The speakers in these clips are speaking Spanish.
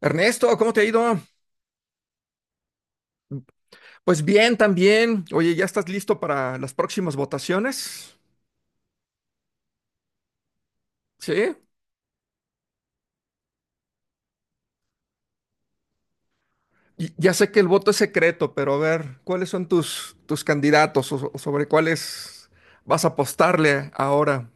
Ernesto, ¿cómo te ha ido? Pues bien, también. Oye, ¿ya estás listo para las próximas votaciones? Sí. Y ya sé que el voto es secreto, pero a ver, ¿cuáles son tus candidatos o sobre cuáles vas a apostarle ahora?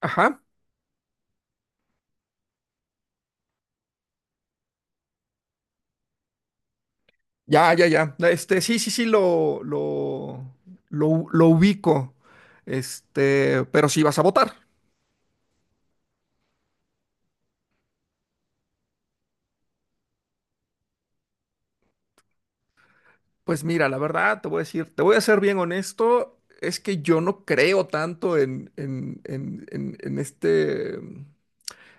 Ajá. Ya, ya, ya. Sí, sí, sí, lo ubico. Pero sí vas a votar. Pues mira, la verdad, te voy a decir, te voy a ser bien honesto, es que yo no creo tanto en, en, en, en, en este,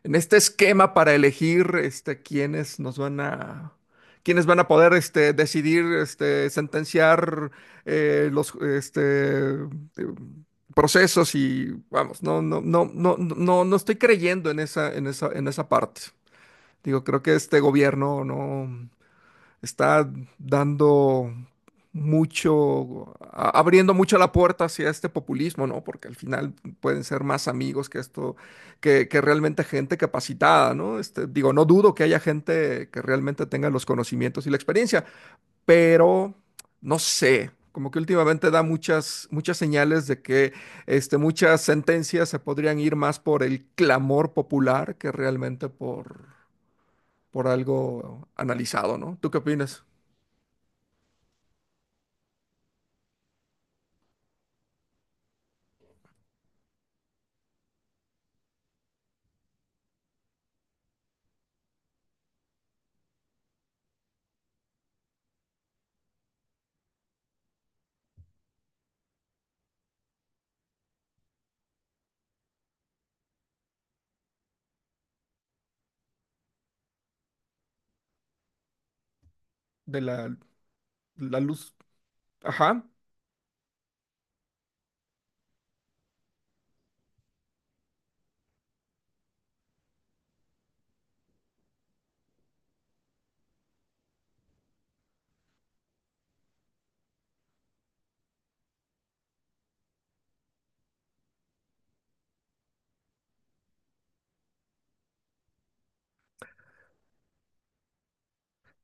en este esquema para elegir quiénes nos van quiénes van a poder decidir, sentenciar eh, los este, eh, procesos y vamos, no estoy creyendo en esa, en esa parte. Digo, creo que este gobierno no está dando mucho, abriendo mucho la puerta hacia este populismo, ¿no? Porque al final pueden ser más amigos que esto, que realmente gente capacitada, ¿no? Digo, no dudo que haya gente que realmente tenga los conocimientos y la experiencia, pero no sé. Como que últimamente da muchas señales de que muchas sentencias se podrían ir más por el clamor popular que realmente por algo analizado, ¿no? ¿Tú qué opinas? De la, la luz. Ajá.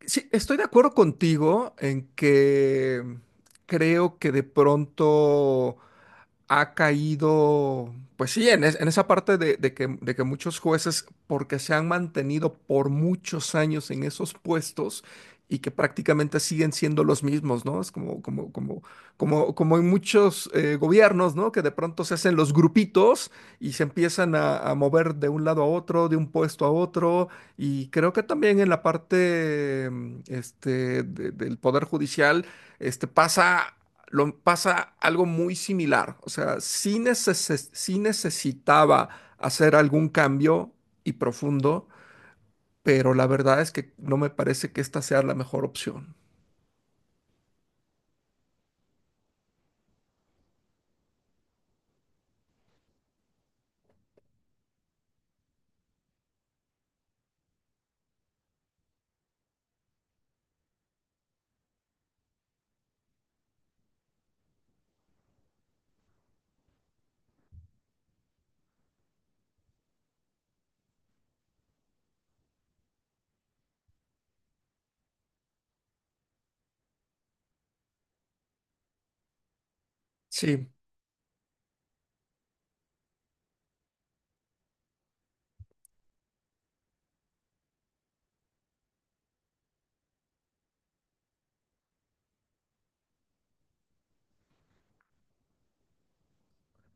Sí, estoy de acuerdo contigo en que creo que de pronto ha caído, pues sí, en esa parte de que muchos jueces, porque se han mantenido por muchos años en esos puestos y que prácticamente siguen siendo los mismos, ¿no? Es como en muchos gobiernos, ¿no? Que de pronto se hacen los grupitos y se empiezan a mover de un lado a otro, de un puesto a otro, y creo que también en la parte, del Poder Judicial pasa lo pasa algo muy similar. O sea, sí, sí necesitaba hacer algún cambio y profundo, pero la verdad es que no me parece que esta sea la mejor opción. Sí,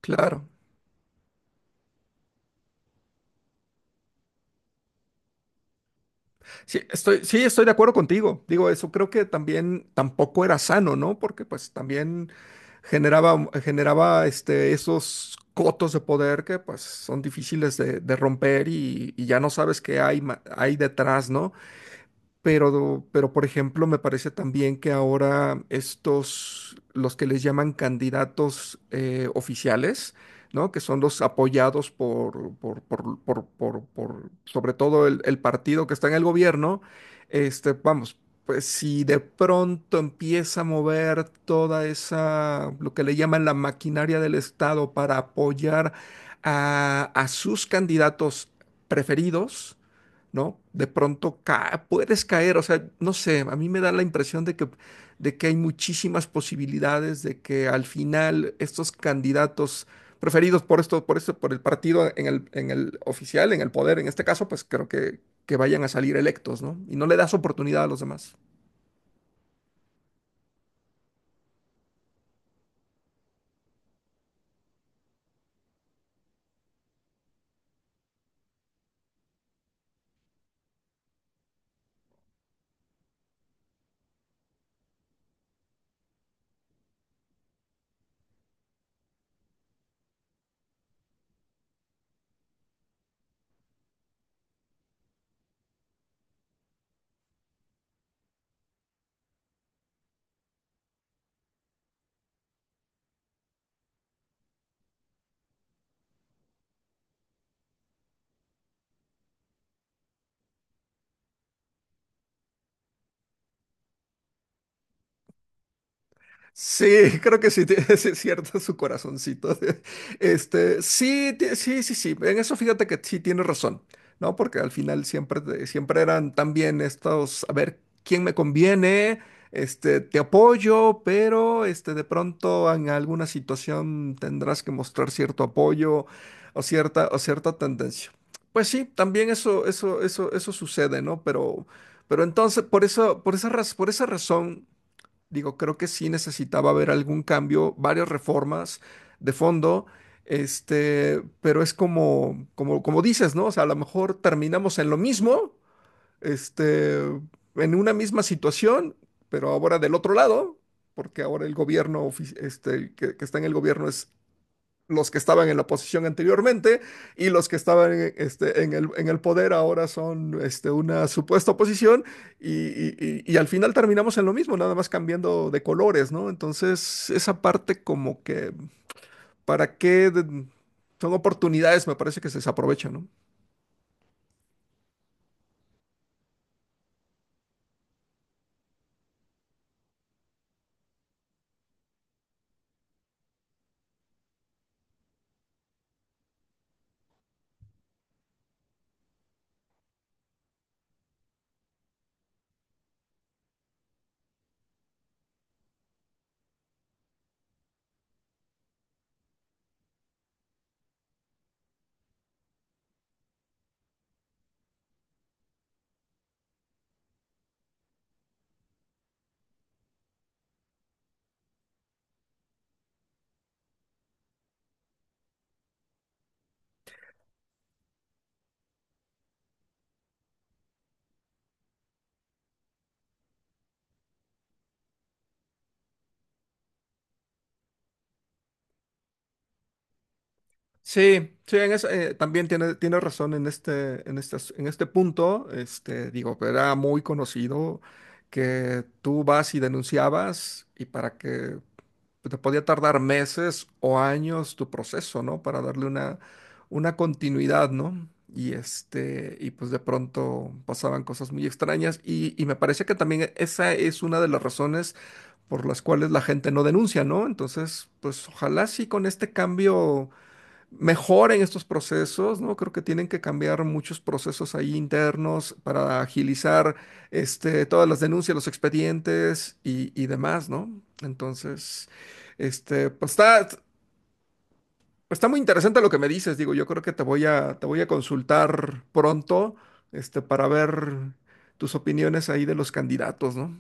claro. Sí, estoy de acuerdo contigo. Digo, eso creo que también tampoco era sano, ¿no? Porque pues también generaba esos cotos de poder que pues son difíciles de romper y ya no sabes qué hay, hay detrás, ¿no? Pero, por ejemplo, me parece también que ahora estos, los que les llaman candidatos oficiales, ¿no? Que son los apoyados por, sobre todo el partido que está en el gobierno, vamos, pues si de pronto empieza a mover toda esa, lo que le llaman la maquinaria del Estado para apoyar a sus candidatos preferidos, ¿no? De pronto puedes caer, o sea, no sé, a mí me da la impresión de que hay muchísimas posibilidades de que al final estos candidatos preferidos por esto, por el partido en el oficial, en el poder, en este caso, pues creo que vayan a salir electos, ¿no? Y no le das oportunidad a los demás. Sí, creo que sí, sí es cierto su corazoncito. Sí, sí, sí. En eso fíjate que sí tiene razón, ¿no? Porque al final siempre, siempre eran también estos, a ver, ¿quién me conviene? Te apoyo, pero de pronto en alguna situación tendrás que mostrar cierto apoyo o cierta tendencia. Pues sí, también eso, eso sucede, ¿no? Pero entonces, por eso, por esa razón. Digo, creo que sí necesitaba haber algún cambio, varias reformas de fondo, pero es como dices, ¿no? O sea, a lo mejor terminamos en lo mismo, este, en una misma situación, pero ahora del otro lado, porque ahora el gobierno, el que está en el gobierno es los que estaban en la oposición anteriormente y los que estaban en el poder ahora son una supuesta oposición y al final terminamos en lo mismo, nada más cambiando de colores, ¿no? Entonces, esa parte como que, ¿para qué? Son oportunidades, me parece que se desaprovechan, ¿no? Sí, sí, en eso, también tiene razón en este punto. Digo, era muy conocido que tú vas y denunciabas y para que pues, te podía tardar meses o años tu proceso, ¿no? Para darle una continuidad, ¿no? Y pues de pronto pasaban cosas muy extrañas y me parece que también esa es una de las razones por las cuales la gente no denuncia, ¿no? Entonces, pues ojalá sí con este cambio mejoren estos procesos, ¿no? Creo que tienen que cambiar muchos procesos ahí internos para agilizar todas las denuncias, los expedientes y demás, ¿no? Entonces, pues está, está muy interesante lo que me dices, digo, yo creo que te voy a consultar pronto, para ver tus opiniones ahí de los candidatos, ¿no?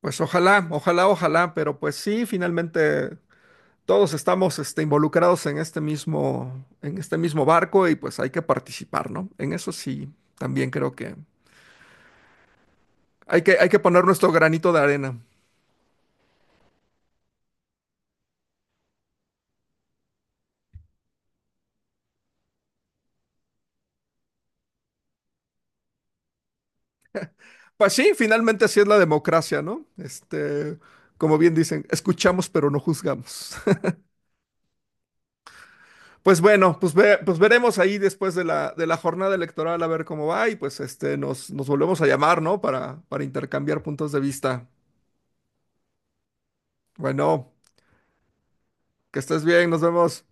Pues ojalá, ojalá, ojalá, pero pues sí, finalmente todos estamos involucrados en este mismo barco y pues hay que participar, ¿no? En eso sí, también creo que hay que poner nuestro granito de arena. Pues sí, finalmente así es la democracia, ¿no? Como bien dicen, escuchamos pero no juzgamos. Pues bueno, pues, pues veremos ahí después de la jornada electoral a ver cómo va y pues nos volvemos a llamar, ¿no? Para intercambiar puntos de vista. Bueno, que estés bien, nos vemos.